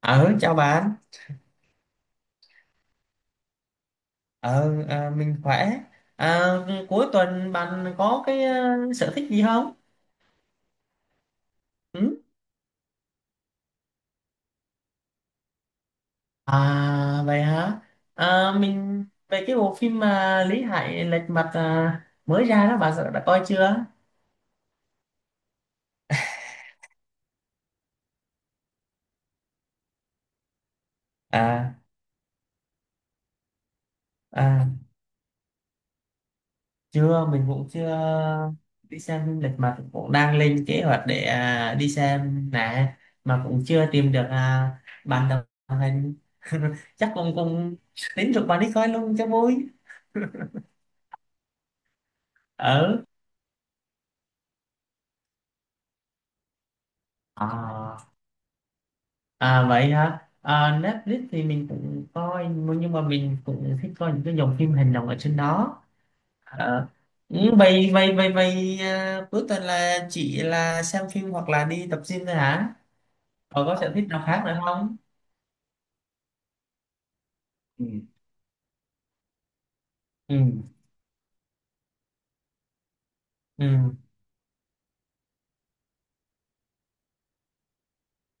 Ờ, chào bạn. Ờ, mình khỏe. Cuối tuần bạn có cái sở thích gì không? Ừ? À, vậy hả? Mình về cái bộ phim mà Lý Hải lệch mặt mới ra đó, bạn đã coi chưa? À, à, chưa, mình cũng chưa đi xem phim lệch mặt, cũng đang lên kế hoạch để đi xem nè, mà cũng chưa tìm được bạn đồng hành. Chắc cũng cũng tính rủ bạn đi coi luôn cho vui. Ờ. À, à, vậy hả? À, Netflix thì mình cũng coi, nhưng mà mình cũng thích coi những cái dòng phim hành động ở trên đó. À, ừ, vậy vậy vậy vậy à, cuối tuần là chỉ là xem phim hoặc là đi tập gym thôi hả? Còn có sở thích nào khác nữa không? Ừ. Ừ, ừ,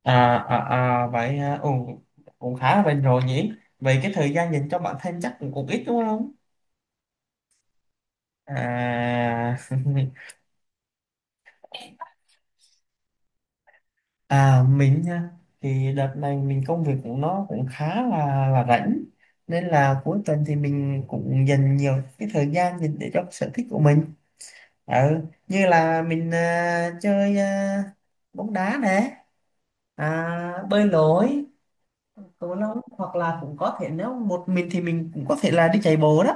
vậy, ừ, cũng khá là bền rồi nhỉ. Vậy cái thời gian dành cho bản thân chắc cũng ít đúng không? À. À, mình nha, thì đợt này mình công việc của nó cũng khá là rảnh, nên là cuối tuần thì mình cũng dành nhiều cái thời gian dành để cho cái sở thích của mình, ừ, như là mình chơi bóng đá nè, bơi lội, cầu lông, hoặc là cũng có thể nếu một mình thì mình cũng có thể là đi chạy bộ đó.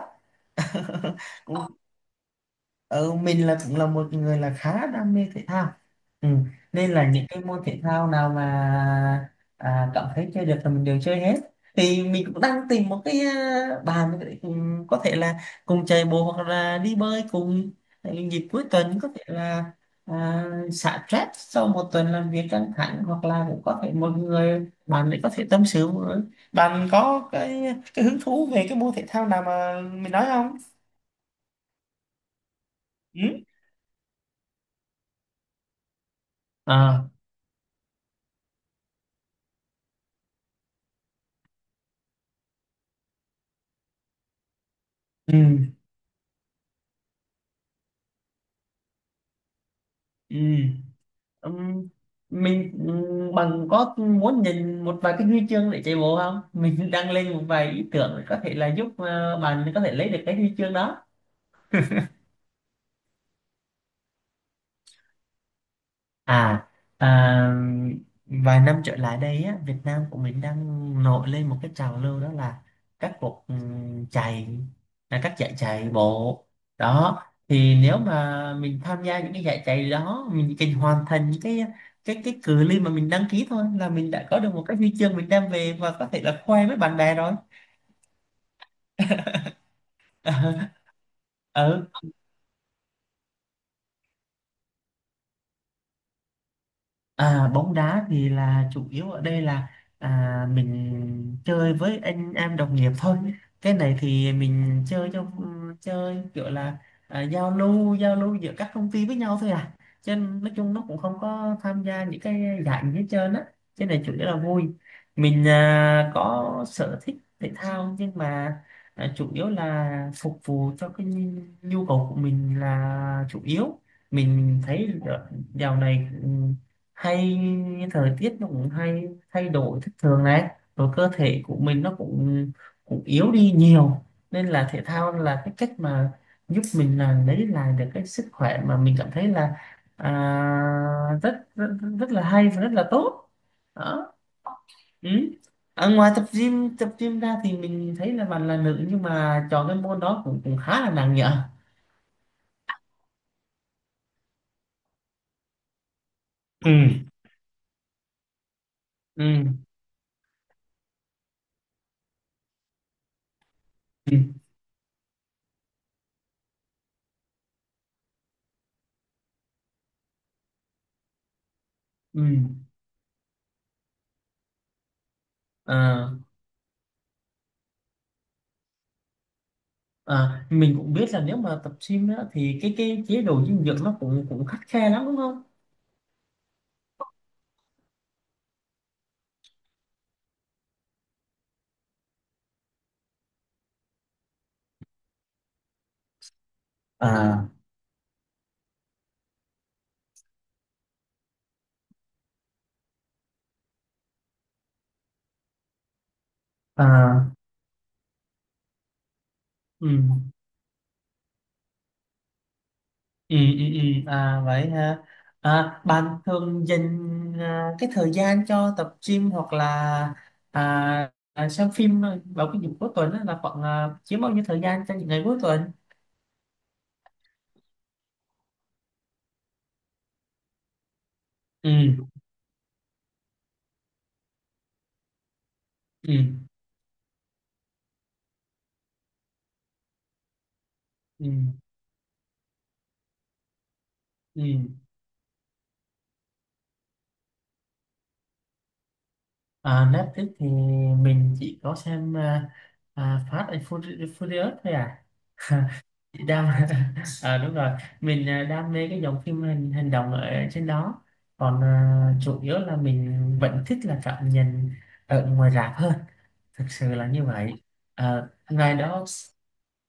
Cũng, Ờ, mình là cũng là một người là khá đam mê thể thao. Ừ. Nên là những cái môn thể thao nào mà cảm thấy chơi được là mình đều chơi hết, thì mình cũng đang tìm một cái bàn để cùng- có thể là cùng chạy bộ hoặc là đi bơi cùng. Tại dịp cuối tuần có thể là à, xả stress sau một tuần làm việc căng thẳng, hoặc là cũng có thể một người bạn để có thể tâm sự với- bạn có cái hứng thú về cái môn thể thao nào mà mình nói không? Ừ. À, ừ. Ừ. ừm, Mình, bằng có muốn nhìn một vài cái huy chương để chạy bộ không? Mình đang lên một vài ý tưởng, có thể là giúp bạn có thể lấy được cái huy chương đó. À, à, vài năm trở lại đây á, Việt Nam của mình đang nổi lên một cái trào lưu, đó là các cuộc chạy, là các giải chạy bộ đó. Thì nếu mà mình tham gia những cái giải chạy đó, mình chỉ cần hoàn thành những cái cự ly mà mình đăng ký thôi là mình đã có được một cái huy chương mình đem về và có thể là khoe với bạn bè rồi. Ừ. À, bóng đá thì là chủ yếu ở đây là mình chơi với anh em đồng nghiệp thôi. Cái này thì mình chơi cho, chơi kiểu là giao lưu giữa các công ty với nhau thôi à. Cho nên nói chung nó cũng không có tham gia những cái giải gì hết trơn á. Cái này chủ yếu là vui. Mình có sở thích thể thao, nhưng mà chủ yếu là phục vụ cho cái nhu cầu của mình là chủ yếu. Mình thấy dạo này, hay thời tiết nó cũng hay thay đổi thất thường này, rồi cơ thể của mình nó cũng cũng yếu đi nhiều, nên là thể thao là cái cách mà giúp mình là lấy lại được cái sức khỏe mà mình cảm thấy là à, rất, rất rất là hay và rất là tốt đó. Ừ. Ngoài tập gym ra thì mình thấy là bạn là nữ, nhưng mà chọn cái môn đó cũng cũng khá là nặng nhở. Ừ. Ừ, ừ, ừ, à, à, mình cũng biết là nếu mà tập gym á, thì cái chế độ dinh dưỡng nó cũng cũng khắt khe lắm đúng không? à à Ừ. Ừ, ừ, ừ. À vậy ha. À, bạn thường dành cái thời gian cho tập gym hoặc là xem phim vào cái dịp cuối tuần á, là khoảng chiếm bao nhiêu thời gian trong những ngày cuối tuần? Ừ, ừ, ừ, ừ. À, Netflix thì mình chỉ có xem Fast and Furious Furious thôi à. đam Ờ, đúng rồi, mình đam mê cái dòng phim hành động ở trên đó. Còn chủ yếu là mình vẫn thích là cảm nhận ở ngoài rạp hơn, thực sự là như vậy. Ờ, ngoài đó,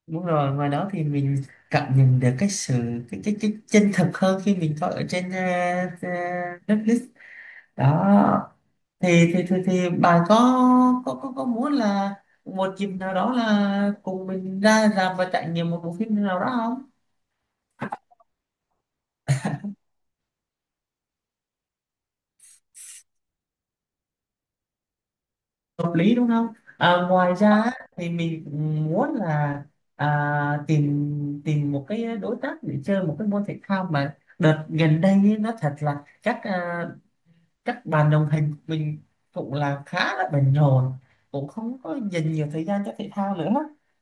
đúng rồi, ngoài đó thì mình cảm nhận được cái sự cái chân thực hơn khi mình coi ở trên ờ, Netflix đó. Thì bà có muốn là một dịp nào đó là cùng mình ra rạp và trải nghiệm một bộ phim nào đó không? Hợp lý đúng không? Ngoài ra, á, thì mình muốn là tìm tìm một cái đối tác để chơi một cái môn thể thao, mà đợt gần đây ấy, nó thật là các bạn đồng hành của mình cũng là khá là bận rộn, cũng không có dành nhiều thời gian cho thể thao nữa,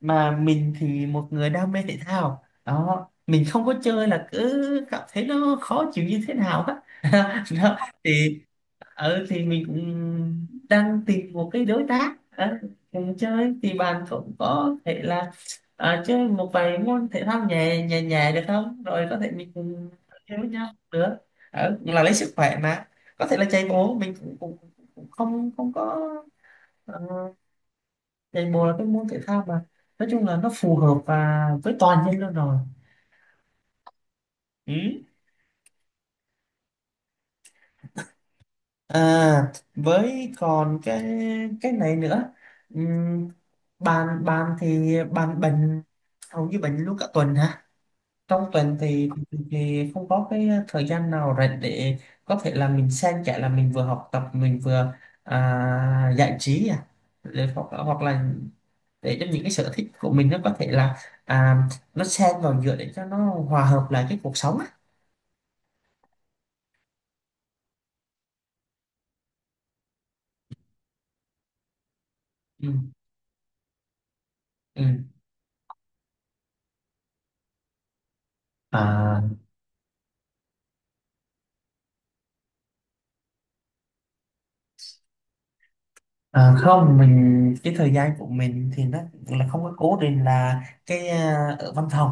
mà mình thì một người đam mê thể thao đó, mình không có chơi là cứ cảm thấy nó khó chịu như thế nào á. Đó. Thì, thì mình cũng đang tìm một cái đối tác, cùng chơi, thì bạn cũng có thể là chơi một vài môn thể thao nhẹ nhẹ nhẹ được không, rồi có thể mình cùng chơi với nhau nữa. Cũng là lấy sức khỏe mà, có thể là chạy bộ, mình cũng không không có, ờ, chạy bộ là cái môn thể thao mà nói chung là nó phù hợp và với toàn nhân luôn rồi. Ừ. À, với còn cái này nữa. Ừm, bạn bạn thì bạn bệnh, hầu như bệnh luôn cả tuần hả? Trong tuần thì không có cái thời gian nào rảnh để có thể là mình xen kẽ, là mình vừa học tập mình vừa giải trí để, hoặc là để cho những cái sở thích của mình nó có thể là, à, nó xen vào giữa để cho nó hòa hợp lại cái cuộc sống á. Ừ, ừ. À. Không, mình cái thời gian của mình thì nó cũng là không có cố định là cái, ở văn phòng.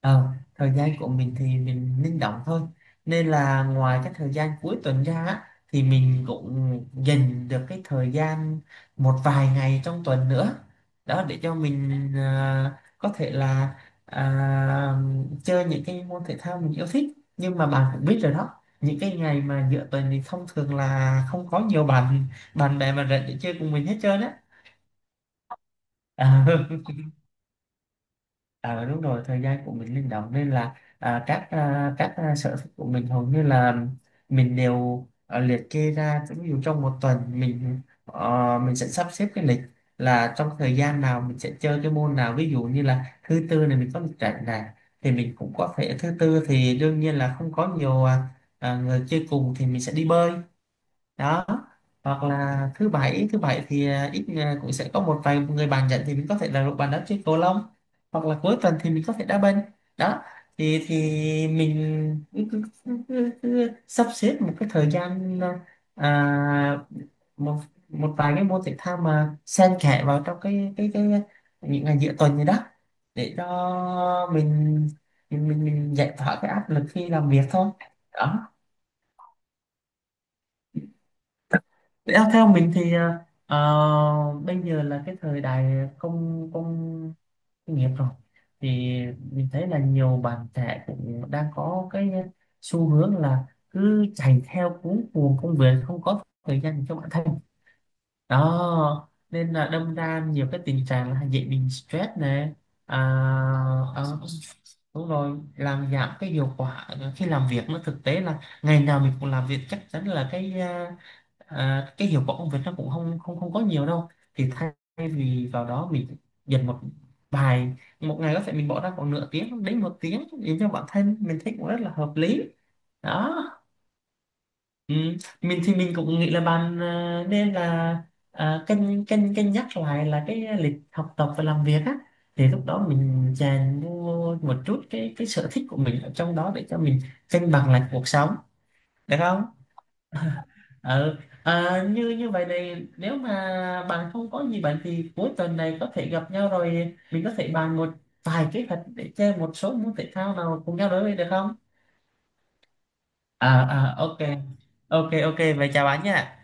Ờ, Thời gian của mình thì mình linh động thôi, nên là ngoài cái thời gian cuối tuần ra á, thì mình cũng dành được cái thời gian một vài ngày trong tuần nữa đó, để cho mình có thể là à, chơi những cái môn thể thao mình yêu thích. Nhưng mà bạn cũng biết rồi đó, những cái ngày mà giữa tuần thì thông thường là không có nhiều bạn bạn bè mình rảnh thì chơi cùng mình hết trơn á. à, À, đúng rồi, thời gian của mình linh động, nên là các sở thích của mình hầu như là mình đều liệt kê ra. Ví dụ trong một tuần, mình sẽ sắp xếp cái lịch là trong thời gian nào mình sẽ chơi cái môn nào. Ví dụ như là thứ tư này mình có lịch rảnh này, thì mình cũng có thể thứ tư thì đương nhiên là không có nhiều người chơi cùng, thì mình sẽ đi bơi đó. Hoặc là thứ bảy thì ít, cũng sẽ có một vài người bàn nhận thì mình có thể là bàn đá chơi cầu lông, hoặc là cuối tuần thì mình có thể đá banh đó. Thì mình cứ sắp xếp một cái thời gian, à, một một vài cái môn thể thao mà xen kẽ vào trong cái những ngày giữa tuần này đó, để cho mình giải tỏa cái áp lực khi làm việc thôi đó. Thế, theo mình thì bây giờ là cái thời đại công công nghiệp rồi, thì mình thấy là nhiều bạn trẻ cũng đang có cái xu hướng là cứ chạy theo cuống cuồng công việc, không có thời gian cho bản thân đó, nên là đâm ra nhiều cái tình trạng là dễ bị stress này. à, ờ, Đúng rồi, làm giảm cái hiệu quả khi làm việc, nó thực tế là ngày nào mình cũng làm việc chắc chắn là cái, cái hiệu quả công việc nó cũng không không không có nhiều đâu. Thì thay vì vào đó, mình dành vài một ngày có thể mình bỏ ra khoảng nửa tiếng đến một tiếng để cho bản thân, mình thấy cũng rất là hợp lý đó. Ừ. Mình thì mình cũng nghĩ là bạn nên là cân cân cân nhắc lại là cái lịch học tập và làm việc á, thì lúc đó mình chèn vô một chút cái sở thích của mình ở trong đó để cho mình cân bằng lại cuộc sống, được không? Ừ. À, như như vậy này, nếu mà bạn không có gì bạn, thì cuối tuần này có thể gặp nhau, rồi mình có thể bàn một vài kế hoạch để chơi một số môn thể thao nào cùng nhau đối với, được không? À, ok, ok, ok, vậy chào bạn nha.